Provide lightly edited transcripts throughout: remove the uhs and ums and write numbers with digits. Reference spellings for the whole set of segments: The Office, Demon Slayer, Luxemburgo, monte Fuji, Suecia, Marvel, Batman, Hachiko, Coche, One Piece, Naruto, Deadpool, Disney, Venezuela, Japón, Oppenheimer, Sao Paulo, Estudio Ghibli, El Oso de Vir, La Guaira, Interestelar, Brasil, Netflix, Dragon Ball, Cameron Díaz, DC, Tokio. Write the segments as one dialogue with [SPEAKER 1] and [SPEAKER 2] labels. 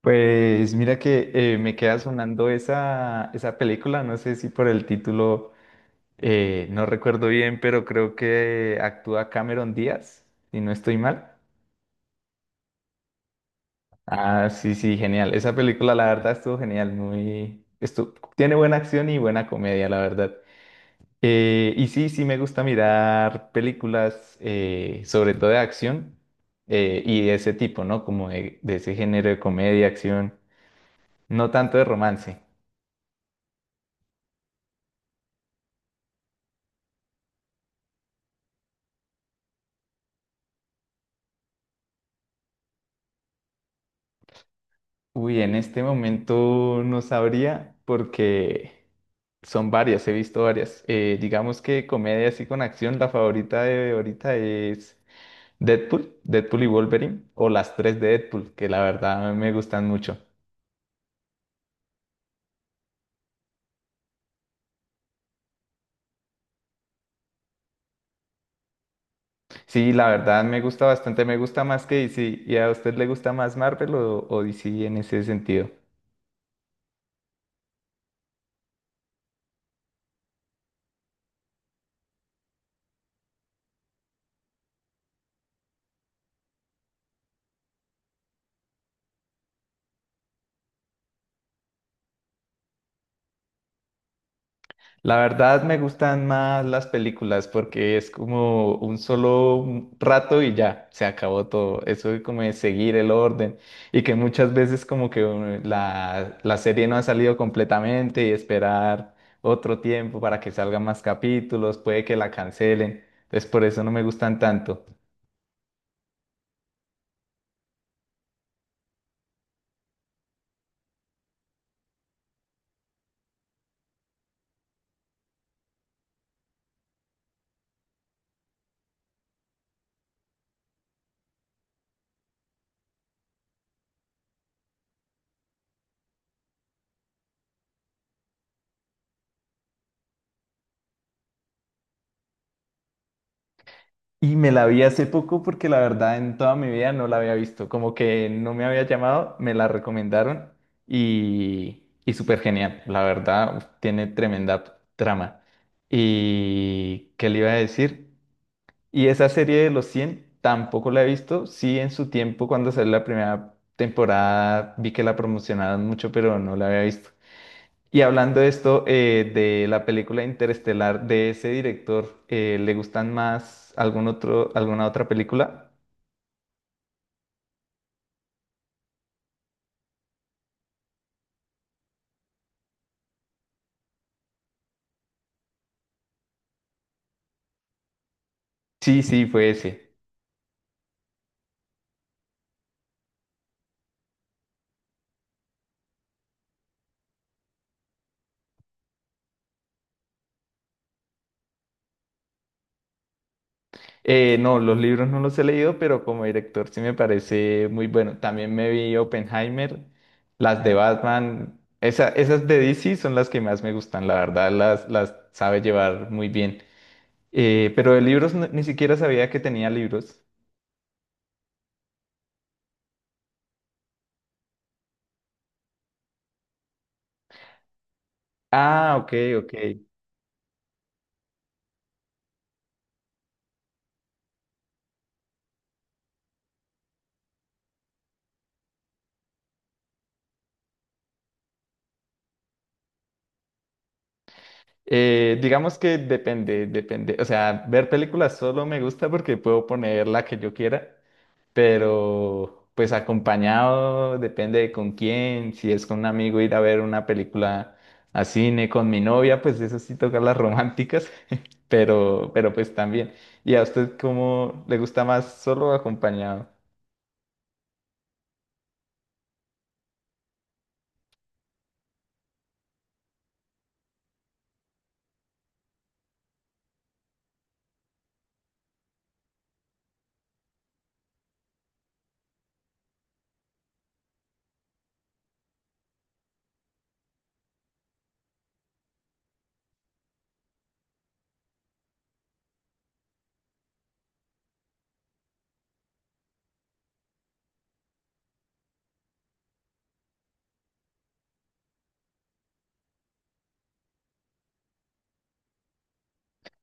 [SPEAKER 1] Pues mira que me queda sonando esa película, no sé si por el título, no recuerdo bien, pero creo que actúa Cameron Díaz, si no estoy mal. Ah, sí, sí, genial. Esa película la verdad estuvo genial, muy... Tiene buena acción y buena comedia, la verdad. Y sí, sí me gusta mirar películas, sobre todo de acción y de ese tipo, ¿no? Como de ese género de comedia, acción, no tanto de romance. Uy, en este momento no sabría porque son varias, he visto varias. Digamos que comedia así con acción, la favorita de ahorita es Deadpool, Deadpool y Wolverine, o las tres de Deadpool, que la verdad me gustan mucho. Sí, la verdad me gusta bastante, me gusta más que DC. ¿Y a usted le gusta más Marvel o DC en ese sentido? La verdad me gustan más las películas porque es como un solo rato y ya, se acabó todo. Eso de como de seguir el orden y que muchas veces como que la serie no ha salido completamente y esperar otro tiempo para que salgan más capítulos, puede que la cancelen. Entonces por eso no me gustan tanto. Y me la vi hace poco porque la verdad en toda mi vida no la había visto, como que no me había llamado, me la recomendaron y súper genial, la verdad uf, tiene tremenda trama. ¿Y qué le iba a decir? Y esa serie de los 100 tampoco la he visto, sí en su tiempo cuando salió la primera temporada vi que la promocionaron mucho, pero no la había visto. Y hablando de esto, de la película Interestelar de ese director, ¿le gustan más algún otro, alguna otra película? Sí, sí, fue ese. No, los libros no los he leído, pero como director sí me parece muy bueno. También me vi Oppenheimer, las de Batman, esas de DC son las que más me gustan, la verdad, las sabe llevar muy bien. Pero de libros ni siquiera sabía que tenía libros. Ah, ok, ok. Digamos que depende, depende. O sea, ver películas solo me gusta porque puedo poner la que yo quiera, pero pues acompañado depende de con quién. Si es con un amigo ir a ver una película a cine con mi novia, pues eso sí toca las románticas, pero pues también. ¿Y a usted cómo le gusta más solo o acompañado?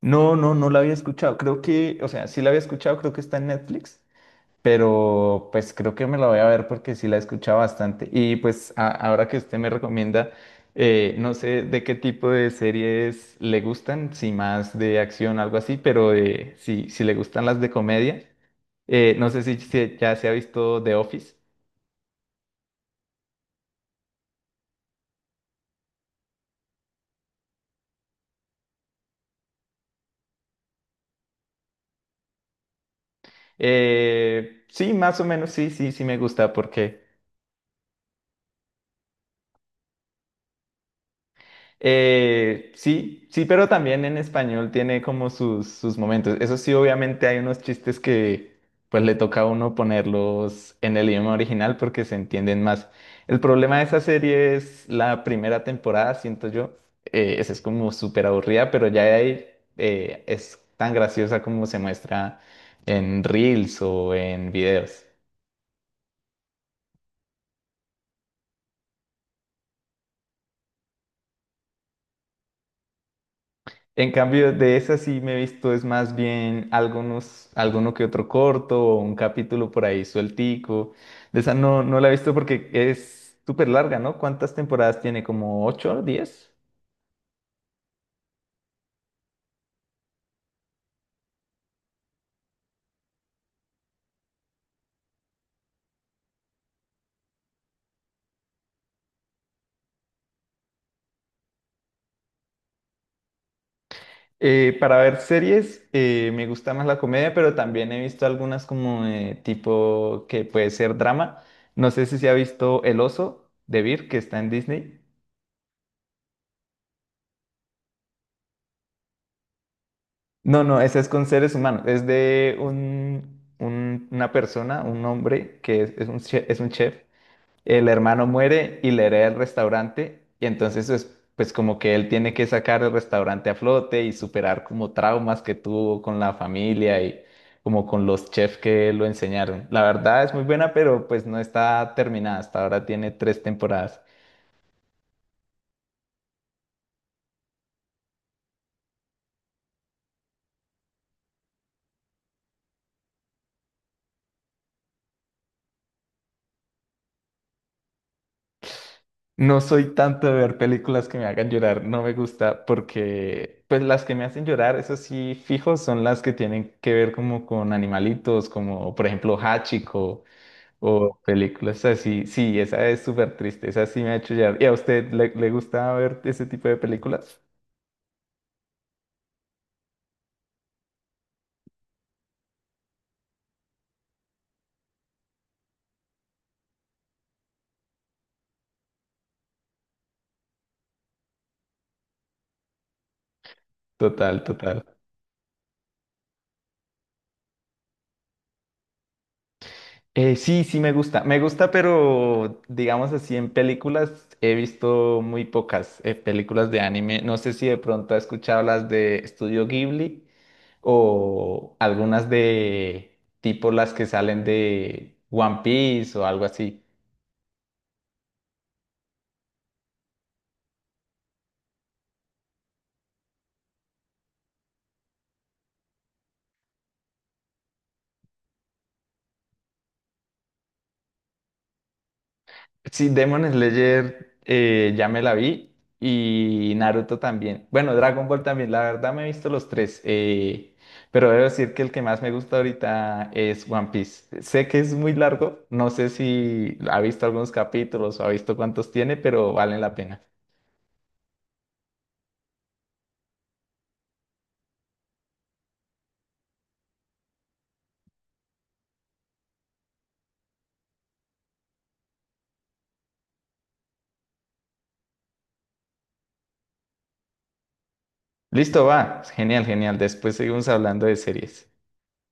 [SPEAKER 1] No, no, no la había escuchado. Creo que, o sea, sí la había escuchado, creo que está en Netflix. Pero pues creo que me la voy a ver porque sí la he escuchado bastante. Y pues ahora que usted me recomienda, no sé de qué tipo de series le gustan, si más de acción, algo así, pero si, si le gustan las de comedia, no sé si, ya se ha visto The Office. Sí, más o menos, sí, sí, sí me gusta porque... Sí, sí, pero también en español tiene como sus, sus momentos. Eso sí, obviamente hay unos chistes que pues le toca a uno ponerlos en el idioma original porque se entienden más. El problema de esa serie es la primera temporada, siento yo. Esa es como súper aburrida, pero ya de ahí es tan graciosa como se muestra en reels o en videos. En cambio, de esas sí me he visto, es más bien algunos, alguno que otro corto o un capítulo por ahí sueltico. De esa no, no la he visto porque es súper larga, ¿no? ¿Cuántas temporadas tiene? ¿Como ocho o diez? Para ver series, me gusta más la comedia, pero también he visto algunas como tipo que puede ser drama. No sé si se ha visto El Oso de Vir, que está en Disney. No, no, ese es con seres humanos. Es de un, una persona, un hombre que es un chef, es un chef. El hermano muere y le hereda el restaurante. Y entonces es pues como que él tiene que sacar el restaurante a flote y superar como traumas que tuvo con la familia y como con los chefs que lo enseñaron. La verdad es muy buena, pero pues no está terminada. Hasta ahora tiene tres temporadas. No soy tanto de ver películas que me hagan llorar, no me gusta porque pues las que me hacen llorar, eso sí, fijo, son las que tienen que ver como con animalitos, como por ejemplo Hachiko o películas así. Sí, esa es súper triste, esa sí me ha hecho llorar. ¿Y a usted le, le gusta ver ese tipo de películas? Total, total. Sí, sí me gusta. Me gusta, pero digamos así, en películas he visto muy pocas películas de anime. No sé si de pronto has escuchado las de Estudio Ghibli o algunas de tipo las que salen de One Piece o algo así. Sí, Demon Slayer ya me la vi y Naruto también. Bueno, Dragon Ball también, la verdad me he visto los 3, pero debo decir que el que más me gusta ahorita es One Piece. Sé que es muy largo, no sé si ha visto algunos capítulos o ha visto cuántos tiene, pero valen la pena. Listo, va. Genial, genial. Después seguimos hablando de series.